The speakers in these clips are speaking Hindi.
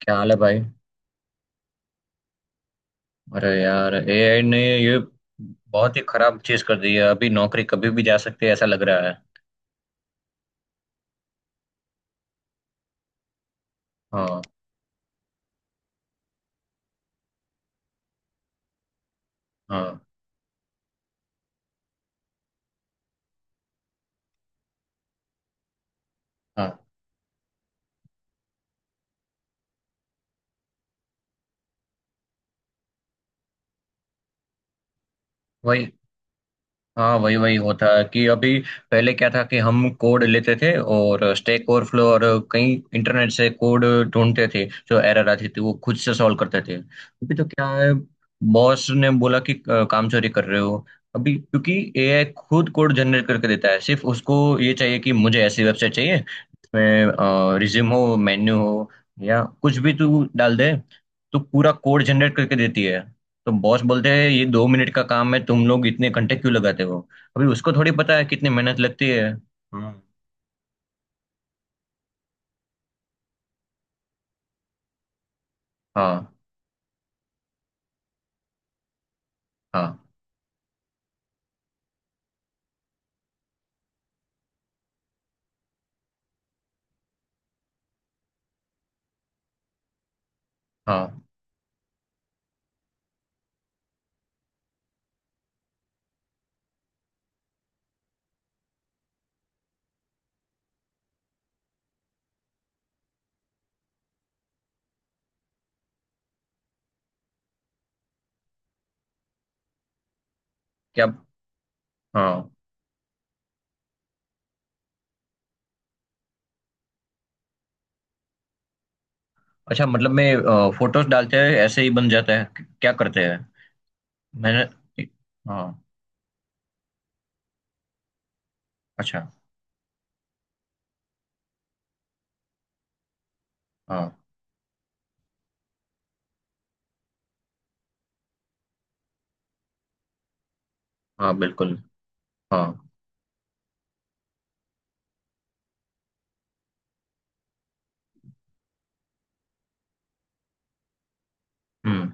क्या हाल है भाई। अरे यार, एआई ने ये बहुत ही खराब चीज कर दी है। अभी नौकरी कभी भी जा सकती है, ऐसा लग रहा है। हाँ। हाँ। हाँ। वही। हाँ, वही वही होता है कि अभी पहले क्या था कि हम कोड लेते थे और स्टैक ओवरफ्लो और कहीं इंटरनेट से कोड ढूंढते थे, जो एरर आती थी वो खुद से सॉल्व करते थे। अभी तो क्या है, बॉस ने बोला कि काम चोरी कर रहे हो। अभी क्योंकि एआई खुद कोड जनरेट करके देता है, सिर्फ उसको ये चाहिए कि मुझे ऐसी वेबसाइट चाहिए जिसमें रिज्यूम हो, मेन्यू हो या कुछ भी तू डाल दे, तो पूरा कोड जनरेट करके देती है। तो बॉस बोलते हैं, ये 2 मिनट का काम है, तुम लोग इतने घंटे क्यों लगाते हो। अभी उसको थोड़ी पता है कितनी मेहनत लगती है। हाँ। हाँ। हाँ। हाँ। क्या। हाँ। अच्छा, मतलब मैं फोटोज डालते हैं ऐसे ही बन जाता है, क- क्या करते हैं। मैंने। हाँ। अच्छा। हाँ। हाँ। बिल्कुल। हाँ। हम्म।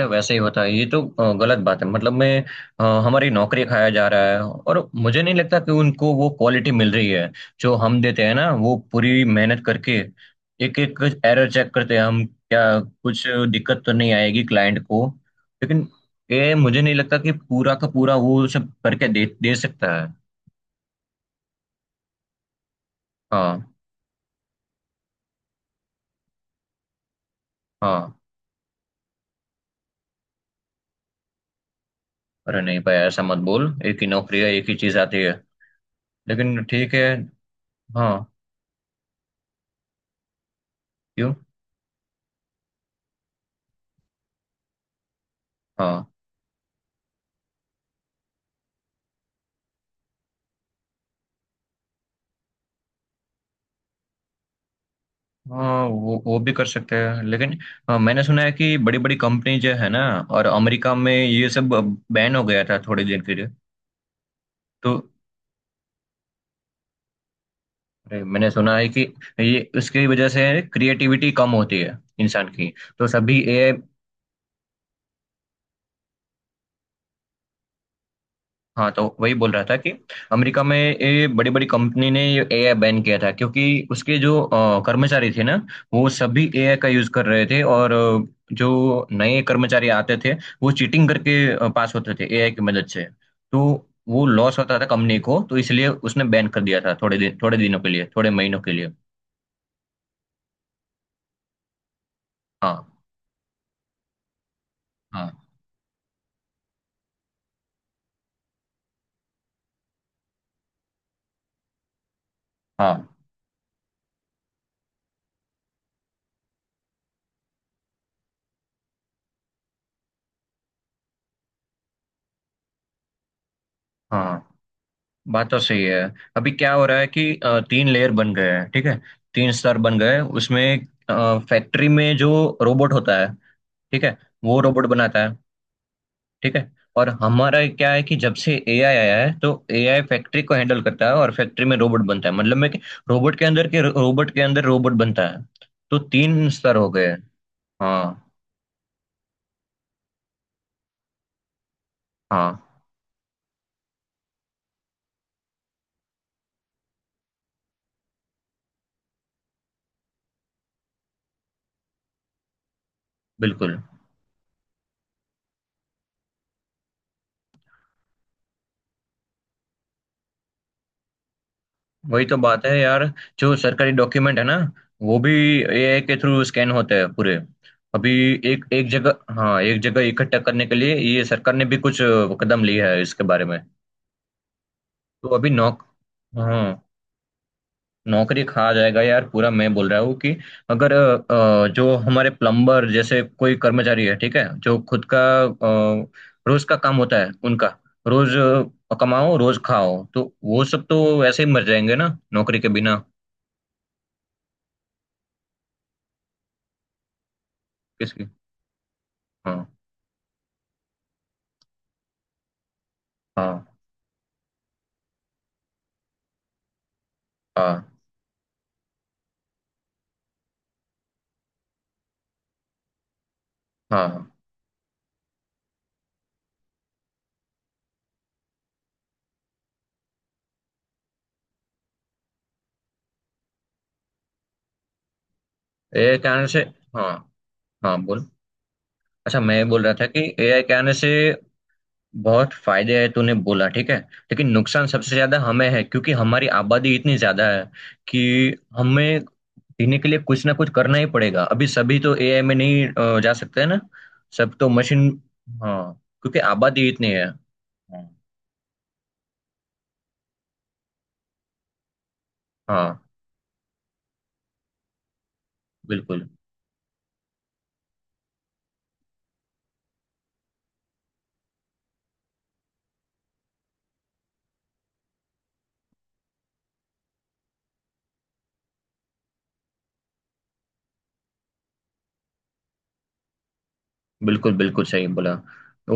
या वैसे ही होता है ये तो। गलत बात है, मतलब मैं हमारी नौकरी खाया जा रहा है, और मुझे नहीं लगता कि उनको वो क्वालिटी मिल रही है जो हम देते हैं ना वो पूरी मेहनत करके। एक एक एरर चेक करते हैं हम, क्या कुछ दिक्कत तो नहीं आएगी क्लाइंट को, लेकिन ये मुझे नहीं लगता कि पूरा का पूरा वो सब करके दे दे सकता है। हाँ। हाँ। अरे नहीं भाई, ऐसा मत बोल। एक ही नौकरी है, एक ही चीज आती है, लेकिन ठीक है। हाँ। क्यों। हाँ। हाँ, वो भी कर सकते हैं, लेकिन हाँ, मैंने सुना है कि बड़ी बड़ी कंपनी जो है ना और अमेरिका में ये सब बैन हो गया था थोड़ी देर के लिए। तो अरे, मैंने सुना है कि ये उसकी वजह से क्रिएटिविटी कम होती है इंसान की। तो सभी एआई। हाँ, तो वही बोल रहा था कि अमेरिका में ये बड़ी बड़ी कंपनी ने ये एआई बैन किया था, क्योंकि उसके जो कर्मचारी थे ना वो सभी एआई का यूज कर रहे थे। और जो नए कर्मचारी आते थे, वो चीटिंग करके पास होते थे एआई की मदद से। तो वो लॉस होता था कंपनी को, तो इसलिए उसने बैन कर दिया था थोड़े दिन, थोड़े दिनों के लिए, थोड़े महीनों के लिए। हाँ। हाँ। हाँ। हाँ, बात तो सही है। अभी क्या हो रहा है कि तीन लेयर बन गए हैं, ठीक है। तीन स्तर बन गए हैं। उसमें फैक्ट्री में जो रोबोट होता है, ठीक है, वो रोबोट बनाता है, ठीक है। और हमारा क्या है कि जब से एआई आया है, तो एआई फैक्ट्री को हैंडल करता है और फैक्ट्री में रोबोट बनता है, मतलब मैं कि रोबोट के अंदर के रोबोट के अंदर रोबोट बनता है। तो तीन स्तर हो गए हैं। हाँ। हाँ। बिल्कुल। वही तो बात है यार, जो सरकारी डॉक्यूमेंट है ना वो भी एआई के थ्रू स्कैन होते हैं पूरे। अभी एक एक जगह, हाँ, एक जगह इकट्ठा करने के लिए ये सरकार ने भी कुछ कदम लिया है इसके बारे में। तो अभी नौक। हाँ। नौकरी खा जाएगा यार पूरा, मैं बोल रहा हूँ कि अगर जो हमारे प्लम्बर जैसे कोई कर्मचारी है, ठीक है, जो खुद का अ, रोज का काम होता है उनका, रोज कमाओ रोज खाओ, तो वो सब तो ऐसे ही मर जाएंगे ना नौकरी के बिना। किसकी। हाँ। हाँ। हाँ। हाँ। हाँ। एआई के आने से। हाँ। हाँ, बोल। अच्छा, मैं बोल रहा था कि एआई के आने से बहुत फायदे हैं, तूने बोला ठीक है, लेकिन नुकसान सबसे ज्यादा हमें है क्योंकि हमारी आबादी इतनी ज्यादा है कि हमें जीने के लिए कुछ ना कुछ करना ही पड़ेगा। अभी सभी तो एआई में नहीं जा सकते हैं ना। सब तो मशीन। हाँ, क्योंकि आबादी इतनी है। हाँ। हाँ। बिल्कुल, बिल्कुल, बिल्कुल सही बोला।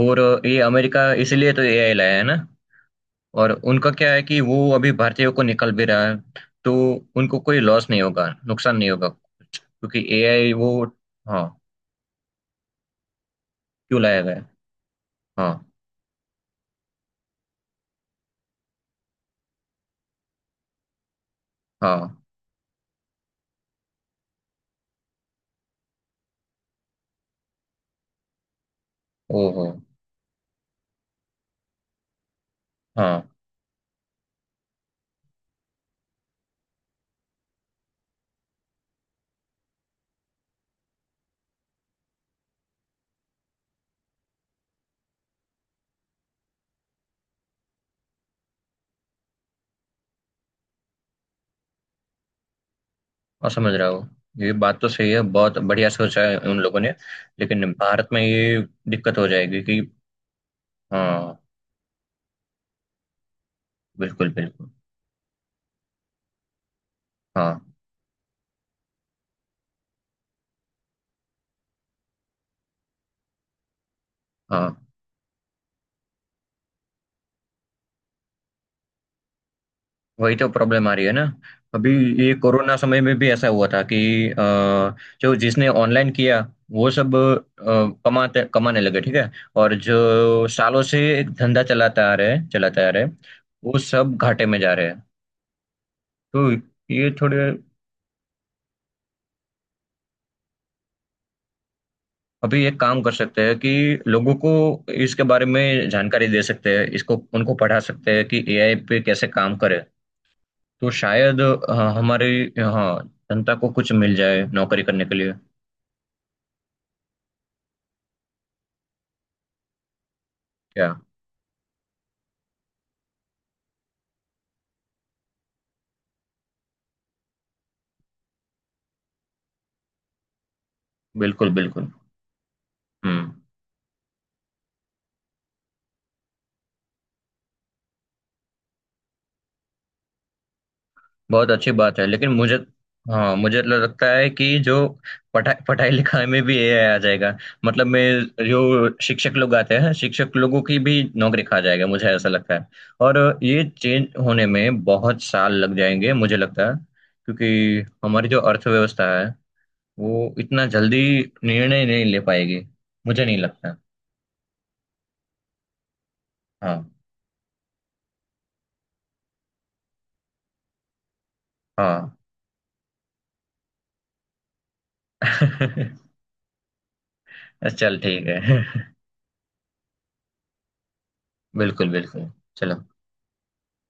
और ये अमेरिका इसलिए तो एआई लाया है ना। और उनका क्या है कि वो अभी भारतीयों को निकल भी रहा है, तो उनको कोई लॉस नहीं होगा, नुकसान नहीं होगा, क्योंकि एआई वो। हाँ। क्यों लाया गया है? हाँ। हाँ। ओहो। हाँ, और समझ रहा हूँ। ये बात तो सही है, बहुत बढ़िया सोचा है उन लोगों ने। लेकिन भारत में ये दिक्कत हो जाएगी कि। हाँ। बिल्कुल बिल्कुल। हाँ। हाँ। वही तो प्रॉब्लम आ रही है ना अभी। ये कोरोना समय में भी ऐसा हुआ था कि अ, जो जिसने ऑनलाइन किया, वो सब कमाते कमाने लगे, ठीक है। और जो सालों से एक धंधा चलाता आ रहे हैं, चलाता आ रहे हैं, वो सब घाटे में जा रहे हैं। तो ये थोड़े। अभी एक काम कर सकते हैं कि लोगों को इसके बारे में जानकारी दे सकते हैं, इसको उनको पढ़ा सकते हैं कि एआई पे कैसे काम करे। तो शायद हमारी, हाँ, जनता को कुछ मिल जाए नौकरी करने के लिए। क्या। बिल्कुल बिल्कुल। हम्म। बहुत अच्छी बात है, लेकिन मुझे। हाँ, मुझे लगता है कि जो पढ़ाई पढ़ाई लिखाई में भी एआई आ जाएगा। मतलब मैं, जो शिक्षक लोग आते हैं शिक्षक लोगों की भी नौकरी खा जाएगा, मुझे ऐसा लगता है। और ये चेंज होने में बहुत साल लग जाएंगे मुझे लगता है, क्योंकि हमारी जो अर्थव्यवस्था है वो इतना जल्दी निर्णय नहीं ले पाएगी, मुझे नहीं लगता। हाँ। हाँ। चल, ठीक है। बिल्कुल बिल्कुल। चलो।